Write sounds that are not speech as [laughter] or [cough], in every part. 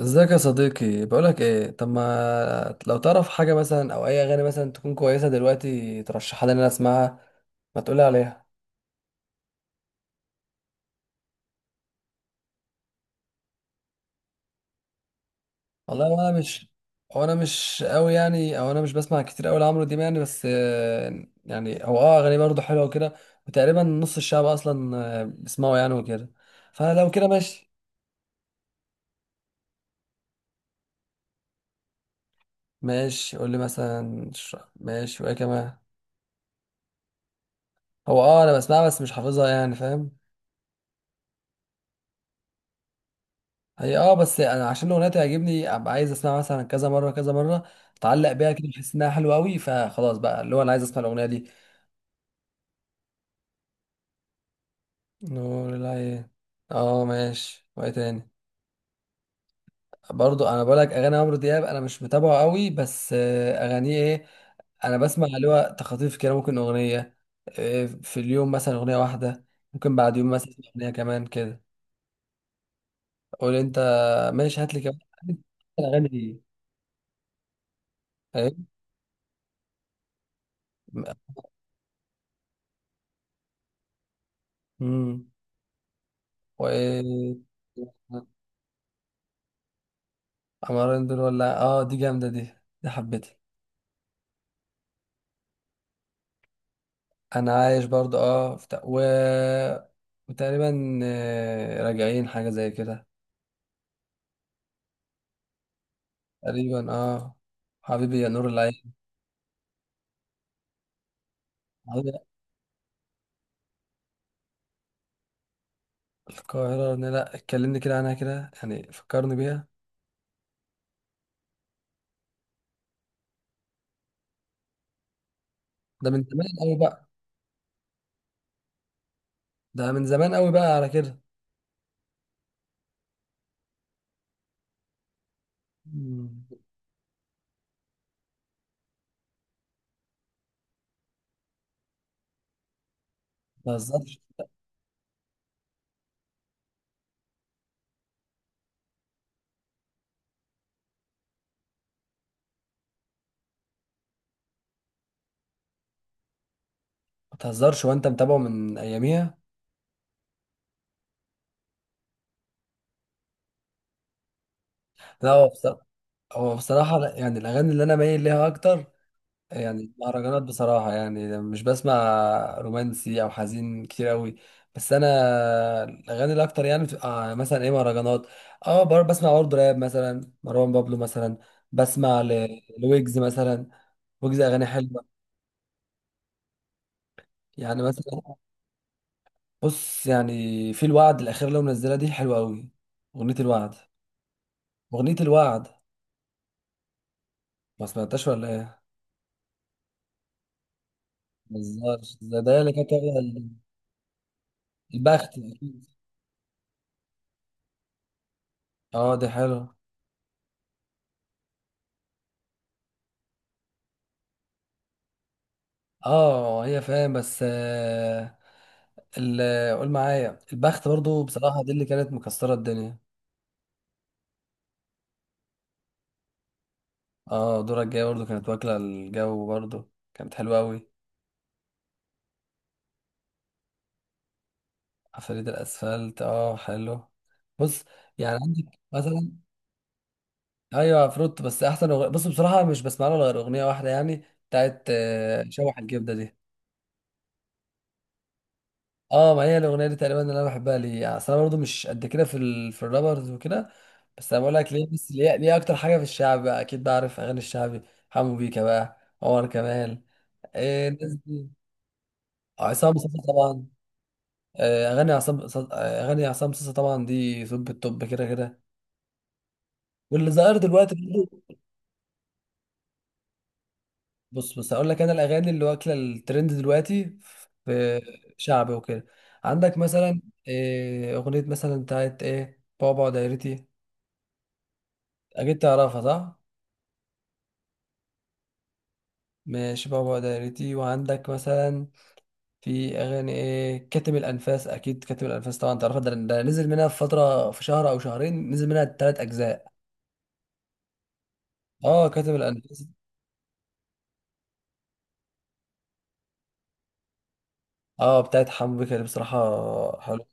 ازيك يا صديقي؟ بقولك ايه، طب ما لو تعرف حاجة مثلا او اي اغاني مثلا تكون كويسة دلوقتي ترشحها لي ان انا اسمعها. ما تقولي عليها. والله وانا مش، هو انا مش قوي يعني، او انا مش بسمع كتير قوي لعمرو دياب يعني. بس يعني هو اه اغاني برضه حلوة وكده. وتقريبا نص الشعب اصلا بيسمعه يعني وكده. فلو كده ماشي. ماشي، قول لي مثلا ماشي، وايه كمان؟ هو اه انا بسمعها بس مش حافظها يعني، فاهم؟ هي اه، بس انا عشان الاغنيه تعجبني ابقى عايز اسمعها مثلا كذا مره كذا مره، اتعلق بيها كده، بحس انها حلوه قوي، فخلاص بقى اللي هو انا عايز اسمع الاغنيه دي. نور العين. اه ماشي، وايه تاني؟ برضو انا بقولك اغاني عمرو دياب انا مش متابعه قوي، بس اغانيه ايه، انا بسمع اللي هو تخاطيف كده، ممكن اغنيه في اليوم مثلا اغنيه واحده، ممكن بعد يوم مثلا اغنيه كمان كده. قول انت. ماشي، هات لي كمان اغاني ايه. امم، وايه؟ عمارين دول ولا إيه؟ اه دي جامدة دي، دي حبيتها. انا عايش برضو اه في وتقريبا راجعين حاجة زي كده. تقريبا اه. حبيبي يا نور العين. حبيبي. القاهرة، لا لا، اتكلمني كده عنها كده، يعني فكرني بيها. ده من زمان قوي بقى. ده من زمان قوي بقى على كده. مم. ما تهزرش. ما تهزرش وانت متابعه من اياميها. لا هو بصراحة، هو بصراحة لا، يعني الاغاني اللي انا مايل ليها اكتر، يعني المهرجانات بصراحة، يعني مش بسمع رومانسي أو حزين كتير أوي. بس أنا الأغاني الأكتر يعني بتبقى مثلا إيه، مهرجانات. أه بسمع برضه راب مثلا، مروان بابلو مثلا، بسمع لويجز مثلا. ويجز أغاني حلوة، يعني مثلا. بص يعني في الوعد الأخيرة اللي هو منزلها دي حلوة أوي. أغنية الوعد. أغنية الوعد. ما سمعتهاش ولا إيه؟ ما تهزرش، ده ده اللي كانت واخدة البخت أكيد. أه دي حلوة. اه هي، فاهم؟ بس قول معايا البخت برضو بصراحة، دي اللي كانت مكسرة الدنيا. اه دورك الجاية برضو كانت واكلة الجو، برضو كانت حلوة أوي. عفاريت الأسفلت اه حلو. بص، يعني عندك مثلا. أيوة عفروت، بس أحسن أغنية بص بصراحة مش بسمع لها غير أغنية واحدة يعني، بتاعت شوح الجبدة دي. اه ما هي الاغنيه دي تقريبا اللي انا بحبها ليه، يعني أصل انا برضه مش قد كده في في الرابرز وكده. بس انا بقول لك ليه، بس ليه ليه اكتر حاجه في الشعب بقى، اكيد بعرف اغاني الشعبي. حمو بيكا بقى، عمر كمال، إيه الناس دي، عصام صاصا طبعا. اغاني عصام صاصا طبعا دي توب التوب كده كده. واللي ظاهر دلوقتي برضه. بص بص هقول لك انا الاغاني اللي واكله الترند دلوقتي في شعبي وكده. عندك مثلا إيه، اغنيه مثلا بتاعت ايه، بابا دايرتي. اكيد تعرفها صح؟ ماشي، بابا دايرتي. وعندك مثلا في اغاني ايه، كاتم الانفاس، اكيد كاتم الانفاس طبعا تعرفها، ده, ده نزل منها في فتره، في شهر او شهرين نزل منها ثلاث اجزاء. اه كاتم الانفاس. اه بتاعت حمو بيكا دي بصراحه حلوه.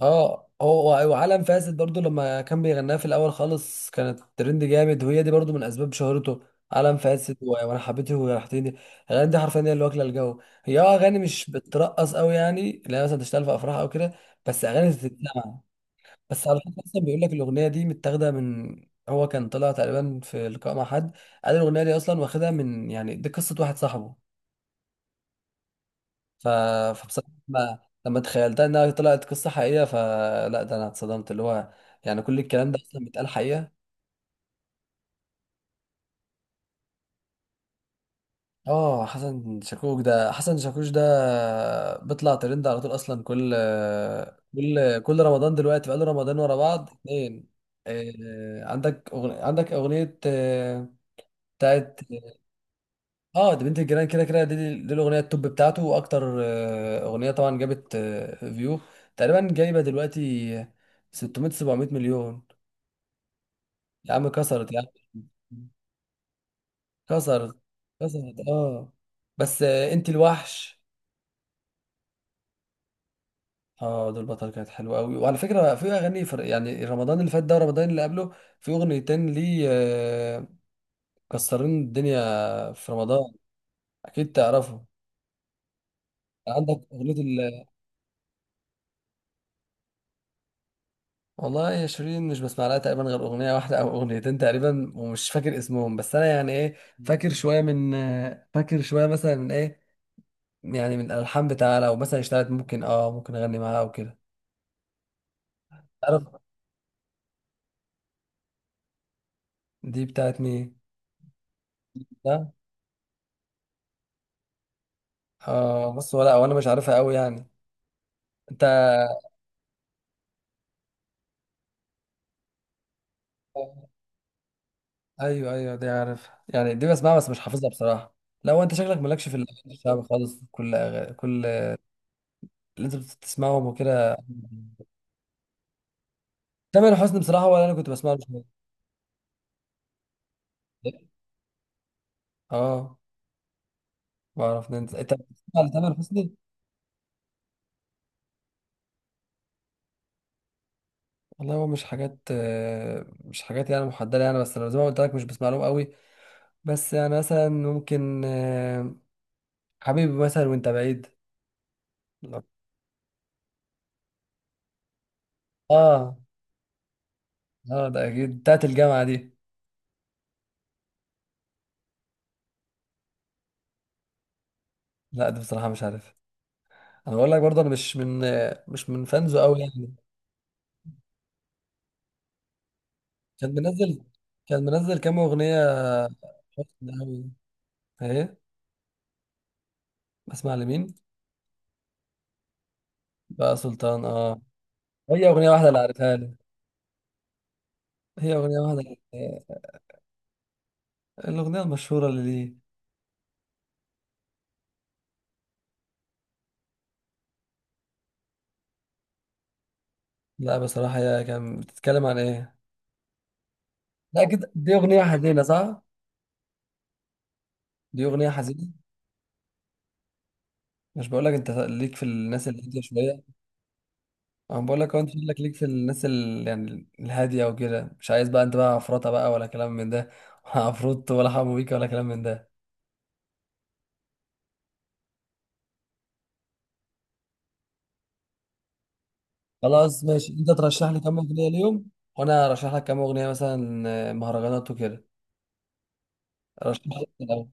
اه هو وعالم فاسد برضو لما كان بيغناها في الاول خالص كانت ترند جامد، وهي دي برضو من اسباب شهرته. عالم فاسد وانا حبيته وريحتني. الاغاني دي حرفيا هي اللي واكله الجو. هي اه اغاني مش بترقص قوي يعني، لا مثلا تشتغل في افراح او كده، بس اغاني تتسمع. بس على فكره اصلا بيقول لك الاغنيه دي متاخده من، هو كان طلع تقريبا في لقاء مع حد، قال الاغنيه دي اصلا واخدها من، يعني دي قصه واحد صاحبه. ف... فبصراحة لما، لما تخيلتها انها طلعت قصة حقيقية، فلا ده انا اتصدمت اللي هو، يعني كل الكلام ده اصلا بيتقال حقيقة. اه حسن شاكوش ده، حسن شاكوش ده بيطلع ترند على طول اصلا، كل كل رمضان دلوقتي بقاله رمضان ورا بعض اتنين. عندك أغنية، عندك أغنية بتاعت، اه ده بنت الجيران كده كده، دي, دي الأغنية التوب بتاعته وأكتر أغنية طبعا، جابت فيو تقريبا جايبة دلوقتي 600 700 مليون. يا عم كسرت يا عم. كسرت. كسرت اه. بس انت الوحش. اه دول بطل كانت حلوه قوي. وعلى فكره في اغاني فرق، يعني رمضان اللي فات ده رمضان اللي قبله، في اغنيتين ليه كسرين الدنيا في رمضان، اكيد تعرفه. عندك اغنيه ال، والله يا شيرين مش بسمع لها تقريبا غير اغنيه واحده او اغنيتين تقريبا، ومش فاكر اسمهم. بس انا يعني ايه، فاكر شويه من فاكر شويه مثلا من ايه، يعني من الالحان بتاعها، لو مثلا اشتغلت ممكن اه ممكن اغني معاها او كده. عارف. دي بتاعت مين؟ ده. اه بص، ولا وانا مش عارفها قوي يعني. انت. ايوه ايوه دي عارف يعني، دي بسمعها بس مش حافظها بصراحه. لو انت شكلك مالكش في الاغاني الشعب [laughs] خالص، كل اللي انت بتسمعهم وكده. تامر حسني بصراحه، ولا انا كنت بسمعه مش، اه بعرف ننزل. انت، انت بتسمع لتامر حسني؟ والله هو مش حاجات مش حاجات يعني محدده يعني، بس انا زي ما قلت لك مش بسمع لهم قوي. بس يعني مثلا ممكن حبيبي مثلا وانت بعيد. اه. اه ده اكيد بتاعت الجامعه دي. لا دي بصراحه مش عارف. انا بقول لك برضه انا مش من، مش من فانزو قوي يعني. كان منزل، كان منزل كام اغنيه؟ حزن قوي. ايه؟ بسمع لمين؟ بقى سلطان اه. هي اغنيه واحده اللي عارفها لي، هي اغنيه واحده اللي- الاغنيه المشهوره اللي ليه. لا بصراحه، هي كان بتتكلم عن ايه؟ لا كده دي اغنيه حزينه صح؟ دي اغنيه حزينه. مش بقول لك انت ليك في الناس اللي هاديه شويه. انا بقول لك هو انت شكلك ليك في الناس يعني الهاديه وكده، مش عايز بقى، انت بقى عفرطه بقى ولا كلام من ده [laughs] ولا عفروت ولا حمو بيك ولا كلام من ده. خلاص ماشي، انت ترشح لي كام اغنيه اليوم وانا ارشح لك كام اغنيه مثلا مهرجانات وكده. رشح لك الاول.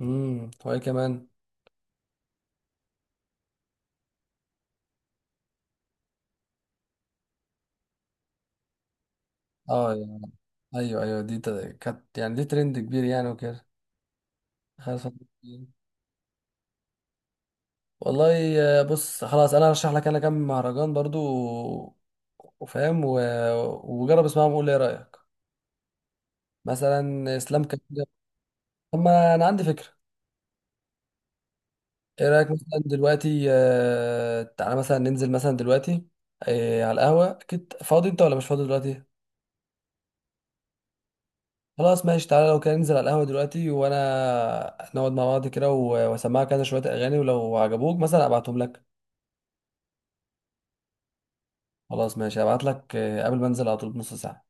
امم، وايه كمان؟ اه يعني. ايوه ايوه دي كانت يعني دي ترند كبير يعني وكده. خلاص. والله بص خلاص انا هرشح لك انا كام مهرجان برضو وفاهم وجرب اسمعهم وقول لي ايه رايك. مثلا اسلام كان. طب ما انا عندي فكره، ايه رايك مثلا دلوقتي تعالى مثلا ننزل مثلا دلوقتي على القهوه. اكيد فاضي انت ولا مش فاضي دلوقتي؟ خلاص ماشي، تعالى لو كان ننزل على القهوه دلوقتي وانا نقعد مع بعض كده واسمعك كذا شويه اغاني، ولو عجبوك مثلا ابعتهم لك. خلاص ماشي، ابعت لك قبل ما انزل على طول بنص ساعه.